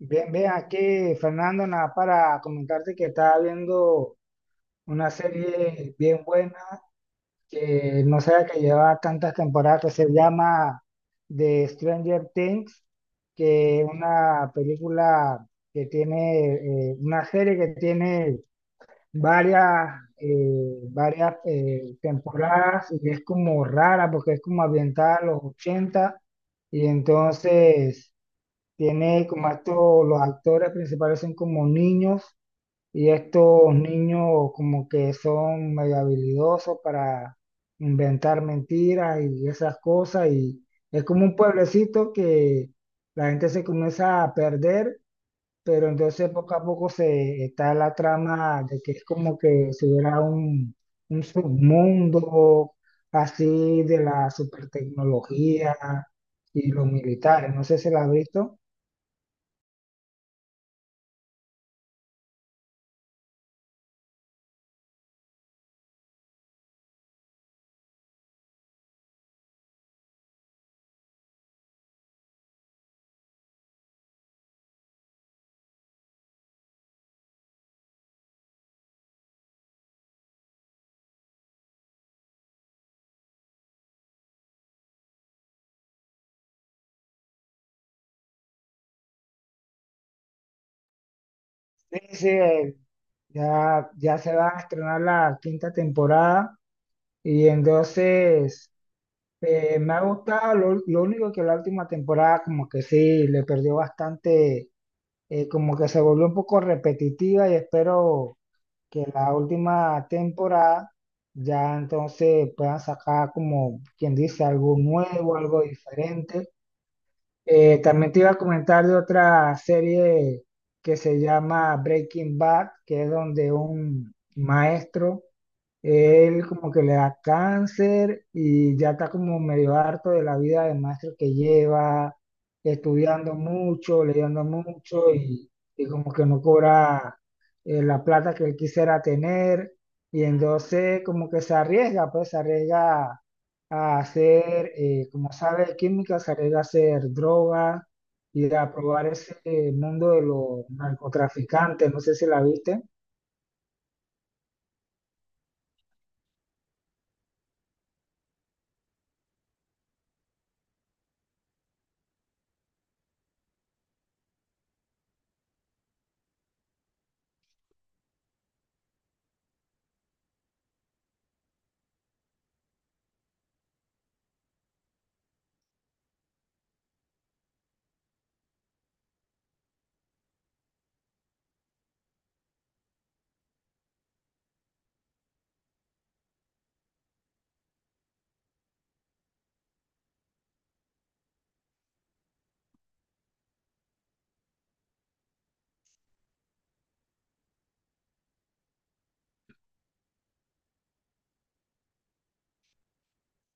Bien, bien, aquí Fernando, nada para comentarte que estaba viendo una serie bien buena que no sabía que lleva tantas temporadas, que se llama The Stranger Things, que es una película que tiene, una serie que tiene varias, varias temporadas y es como rara porque es como ambientada a los 80 y entonces... Tiene como estos, los actores principales son como niños y estos niños como que son medio habilidosos para inventar mentiras y esas cosas y es como un pueblecito que la gente se comienza a perder, pero entonces poco a poco se está la trama de que es como que si hubiera un submundo así de la supertecnología y los militares, no sé si la has visto. Sí, sí, ya se va a estrenar la 5.ª temporada y entonces me ha gustado, lo único que la última temporada como que sí, le perdió bastante, como que se volvió un poco repetitiva y espero que la última temporada ya entonces puedan sacar como quien dice algo nuevo, algo diferente. También te iba a comentar de otra serie que se llama Breaking Bad, que es donde un maestro, él como que le da cáncer y ya está como medio harto de la vida de maestro que lleva, estudiando mucho, leyendo mucho y como que no cobra la plata que él quisiera tener y entonces como que se arriesga, pues se arriesga a hacer, como sabe de química, salir a hacer droga, ir a probar ese mundo de los narcotraficantes, no sé si la viste.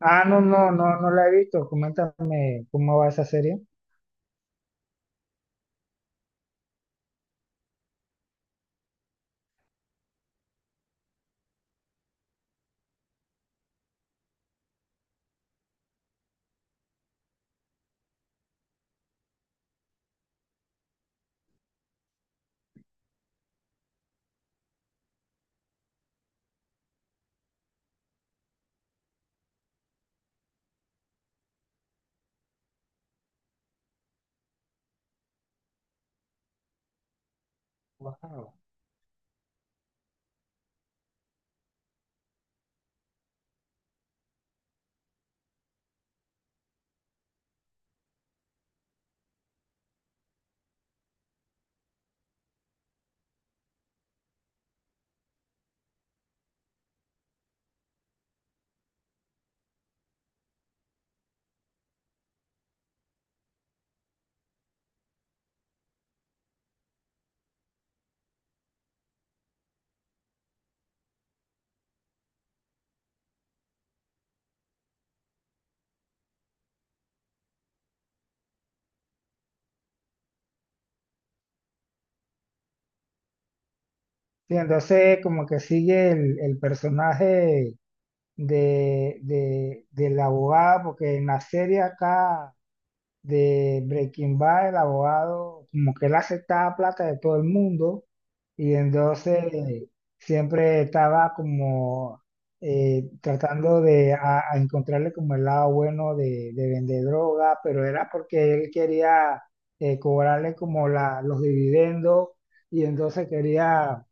Ah, no, no, no, no la he visto, coméntame cómo va esa serie. Wow. Sí, entonces como que sigue el personaje del abogado, porque en la serie acá de Breaking Bad, el abogado, como que él aceptaba plata de todo el mundo y entonces siempre estaba como tratando de a encontrarle como el lado bueno de vender droga, pero era porque él quería cobrarle como la, los dividendos y entonces quería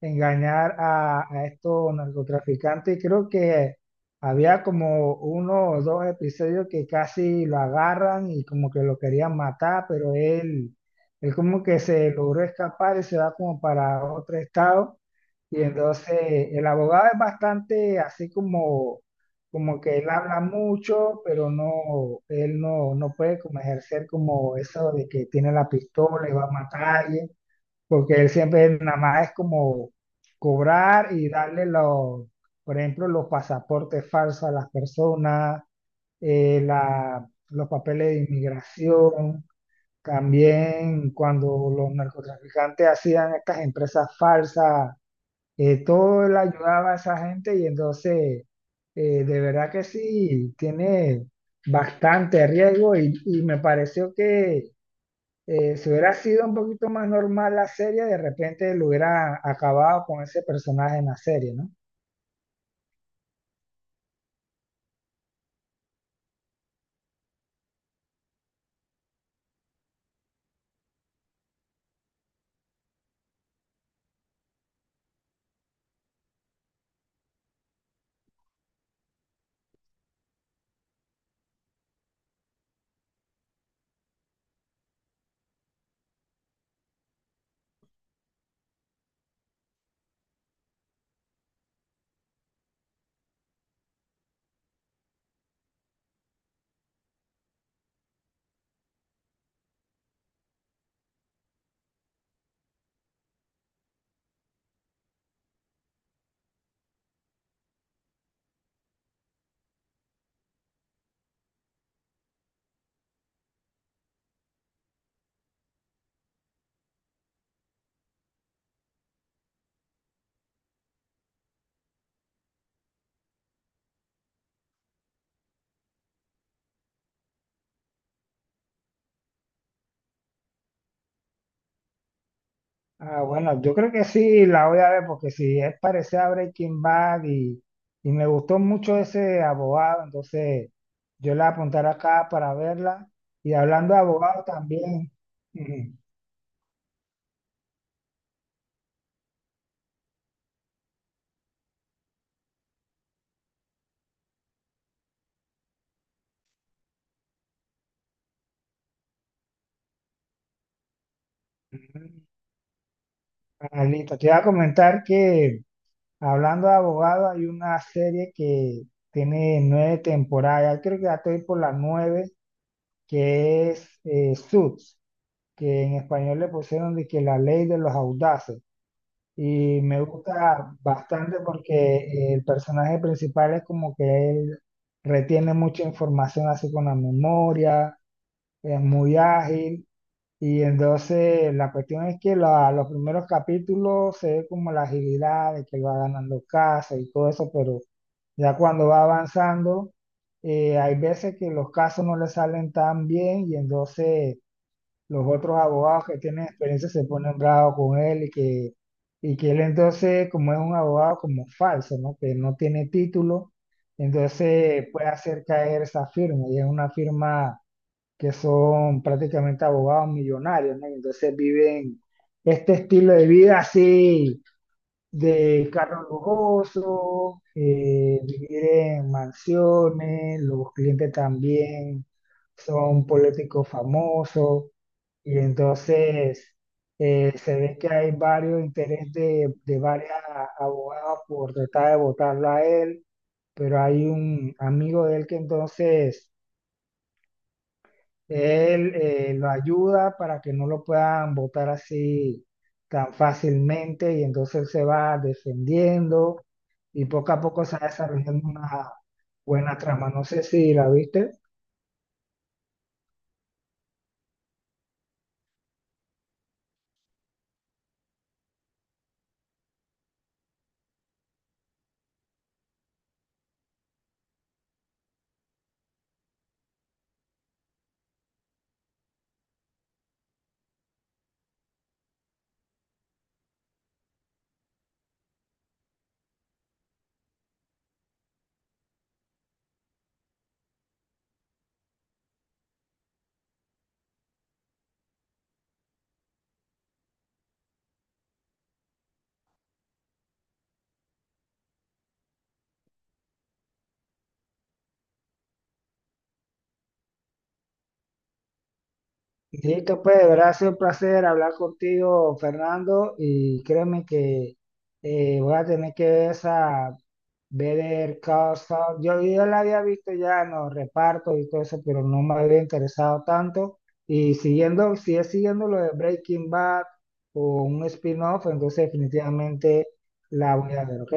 engañar a estos narcotraficantes. Creo que había como uno o dos episodios que casi lo agarran y como que lo querían matar, pero él como que se logró escapar y se va como para otro estado. Y entonces el abogado es bastante así como, como que él habla mucho, pero no, él no, no puede como ejercer como eso de que tiene la pistola y va a matar a alguien porque él siempre nada más es como cobrar y darle los, por ejemplo, los pasaportes falsos a las personas, los papeles de inmigración, también cuando los narcotraficantes hacían estas empresas falsas, todo él ayudaba a esa gente y entonces, de verdad que sí, tiene bastante riesgo y me pareció que si hubiera sido un poquito más normal la serie, de repente lo hubiera acabado con ese personaje en la serie, ¿no? Ah, bueno, yo creo que sí la voy a ver porque si es parecida a Breaking Bad y me gustó mucho ese abogado, entonces yo la apuntaré acá para verla. Y hablando de abogados también, ujú, ujú, ah, listo, te iba a comentar que hablando de abogados hay una serie que tiene 9 temporadas, creo que ya estoy por las 9, que es Suits, que en español le pusieron de que la ley de los audaces. Y me gusta bastante porque el personaje principal es como que él retiene mucha información así con la memoria, es muy ágil. Y entonces la cuestión es que los primeros capítulos se ve como la agilidad de que va ganando casos y todo eso, pero ya cuando va avanzando, hay veces que los casos no le salen tan bien y entonces los otros abogados que tienen experiencia se ponen bravos con él y que él entonces, como es un abogado como falso, ¿no? Que no tiene título, entonces puede hacer caer esa firma y es una firma que son prácticamente abogados millonarios, ¿no? Y entonces viven este estilo de vida así de carros lujosos, vivir en mansiones, los clientes también son políticos famosos y entonces se ve que hay varios intereses de varias abogadas por tratar de votarlo a él, pero hay un amigo de él que entonces él lo ayuda para que no lo puedan botar así tan fácilmente y entonces él se va defendiendo y poco a poco se va desarrollando una buena trama. No sé si la viste. Listo, pues, de verdad ha sido un placer hablar contigo, Fernando, y créeme que voy a tener que ver esa Better Call Saul. Yo la había visto ya en los repartos y todo eso, pero no me había interesado tanto. Y siguiendo, si es siguiendo lo de Breaking Bad o un spin-off, entonces definitivamente la voy a ver, ¿ok?